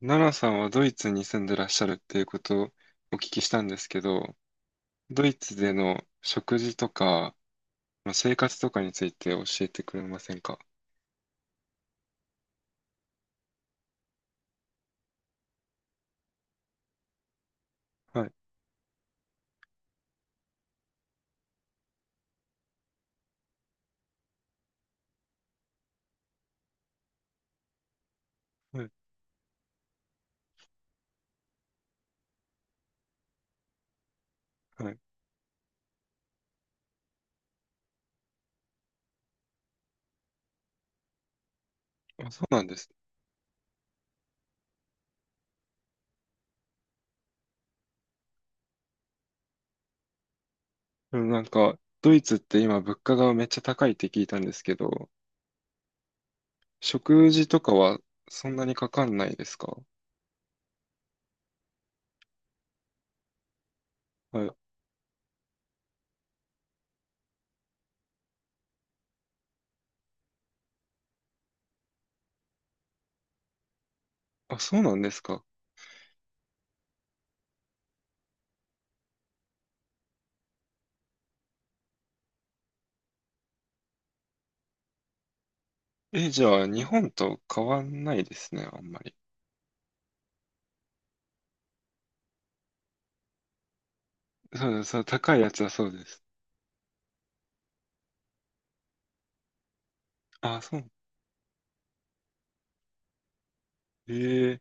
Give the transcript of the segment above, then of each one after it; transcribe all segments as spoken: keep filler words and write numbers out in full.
奈良さんはドイツに住んでらっしゃるっていうことをお聞きしたんですけど、ドイツでの食事とか、まあ、生活とかについて教えてくれませんか？はい、はい、はい。あ、そうなんです。でもなんか、ドイツって今物価がめっちゃ高いって聞いたんですけど、食事とかはそんなにかかんないですか？はい。あ、そうなんですか。え、じゃあ日本と変わんないですね、あんまり。そうです、そう、高いやつはそうです。あ、そう。ええ、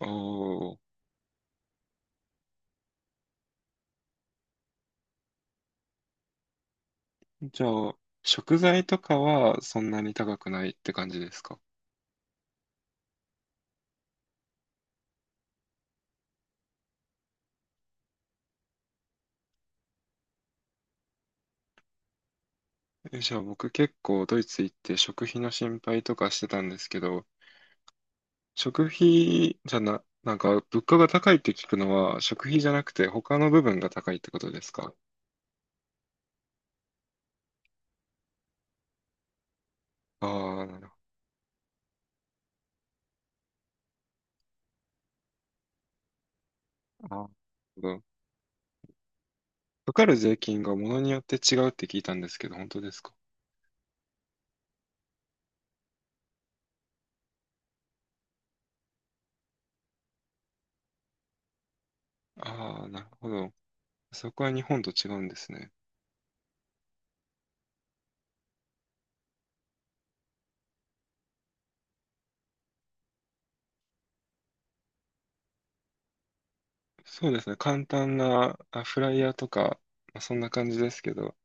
ああー。じゃあ、食材とかはそんなに高くないって感じですか？え、じゃあ僕結構ドイツ行って食費の心配とかしてたんですけど、食費じゃな、なんか物価が高いって聞くのは食費じゃなくて他の部分が高いってことですか？ああー、なるほど。あー、なるほど。かかる税金が物によって違うって聞いたんですけど、本当ですか？ああー、なるほど。そこは日本と違うんですね。そうですね。簡単なあフライヤーとか、まあ、そんな感じですけど、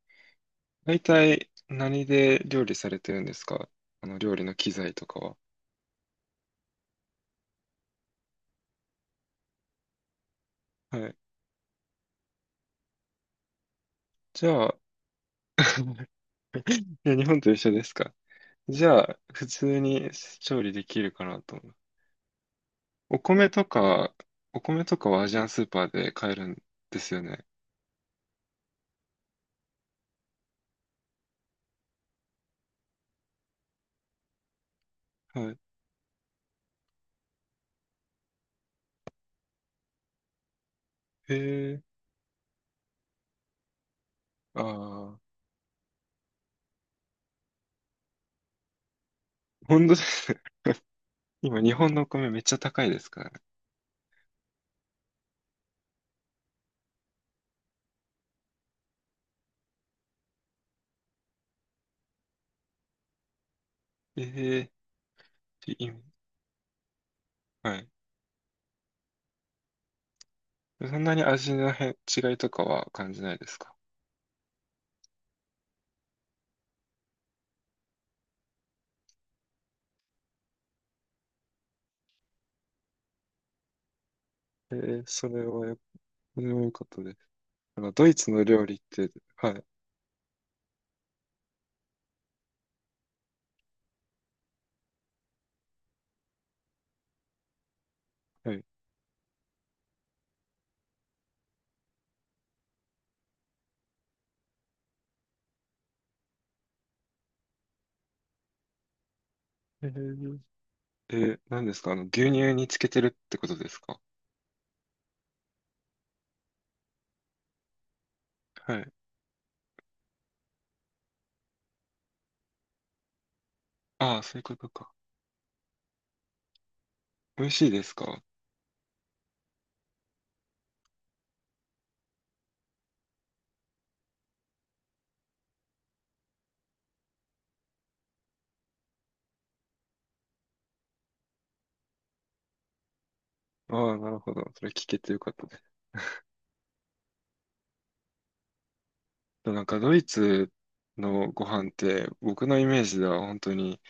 大体何で料理されてるんですか？あの料理の機材とかは。はい。じゃあ、いや、日本と一緒ですか？じゃあ、普通に調理できるかなと思う。お米とか、お米とかはアジアンスーパーで買えるんですよね。はい。へえ、ああ、本当ですね。今、日本のお米めっちゃ高いですからね。ええ、いはい。そんなに味の変違いとかは感じないですか？ええ、それはよ、それは良かったです。あの、ドイツの料理って、はい、はい。えー、え、何ですかあの、牛乳につけてるってことですか？はい。ああ、そういうことか。美味しいですか？ああ、なるほど。それ聞けてよかったです。なんか、ドイツのご飯って、僕のイメージでは本当に、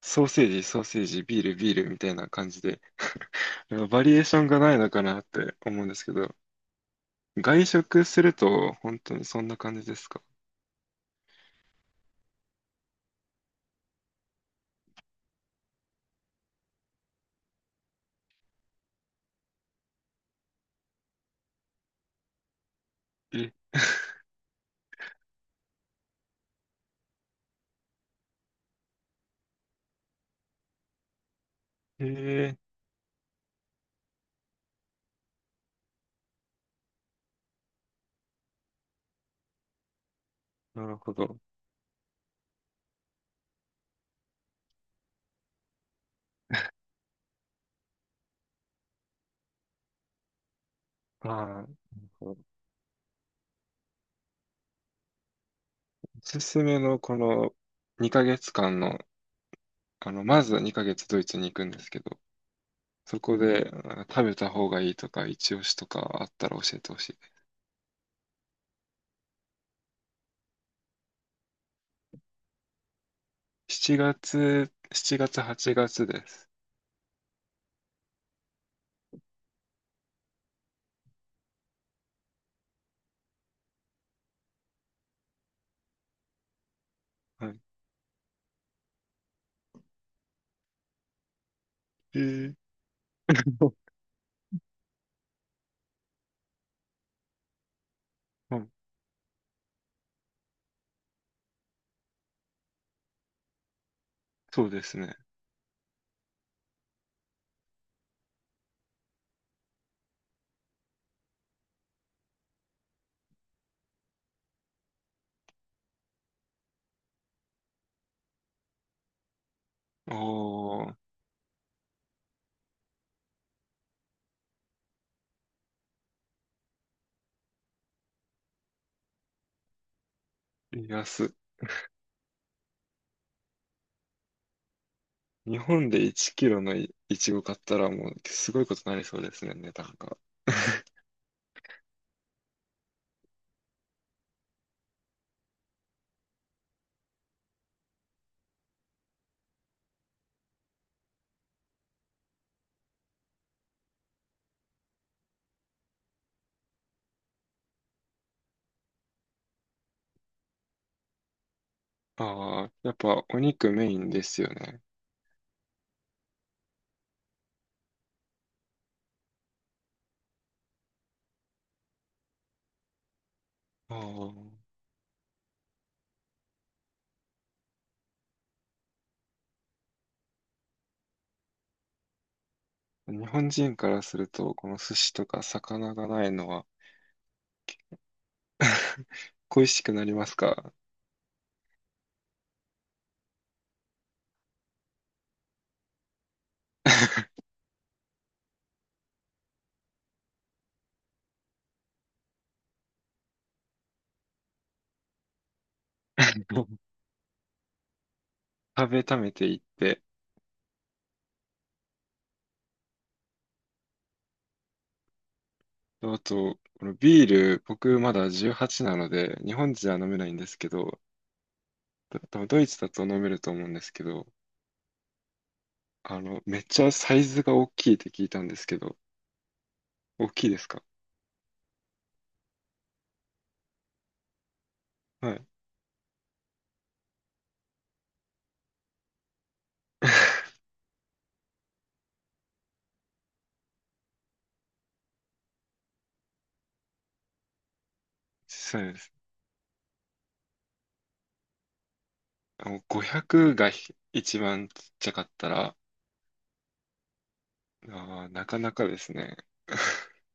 ソーセージ、ソーセージ、ビール、ビールみたいな感じで、バリエーションがないのかなって思うんですけど、外食すると本当にそんな感じですか？え、えー、なるほど。ああ、なるほど。おすすめのこのにかげつかんの、あの、まずはにかげつドイツに行くんですけど、そこであ食べた方がいいとか、一押しとかあったら教えてほしい。しちがつ、しちがつ、はちがつです。はい。えー うん、そうですね。おー、安い。日本でいちキロのい、いちご買ったらもうすごいことになりそうですね、値段が。ああ、やっぱお肉メインですよね。ああ。日本人からすると、この寿司とか魚がないのは 恋しくなりますか？ 食べためていって。あと、このビール、僕まだじゅうはっさいなので、日本人は飲めないんですけど、多分ドイツだと飲めると思うんですけど、あの、めっちゃサイズが大きいって聞いたんですけど、大きいですか？はい。そうです。あのごひゃくがひ一番ちっちゃかったら、あー、なかなかですね。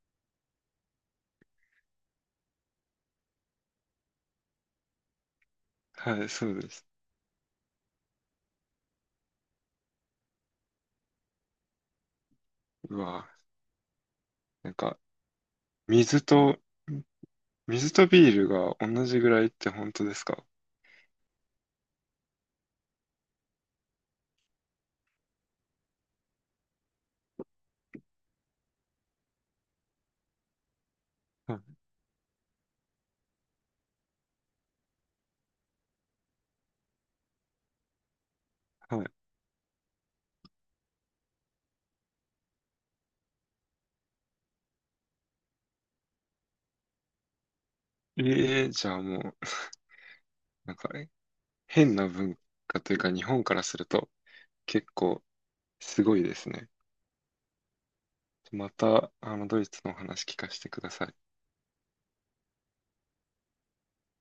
はい、そうです。うわ、なんか、水と、水とビールが同じぐらいって本当ですか？はいはい。ええ、じゃあもう、なんか、え、変な文化というか、日本からすると結構すごいですね。また、あの、ドイツのお話聞かせてください。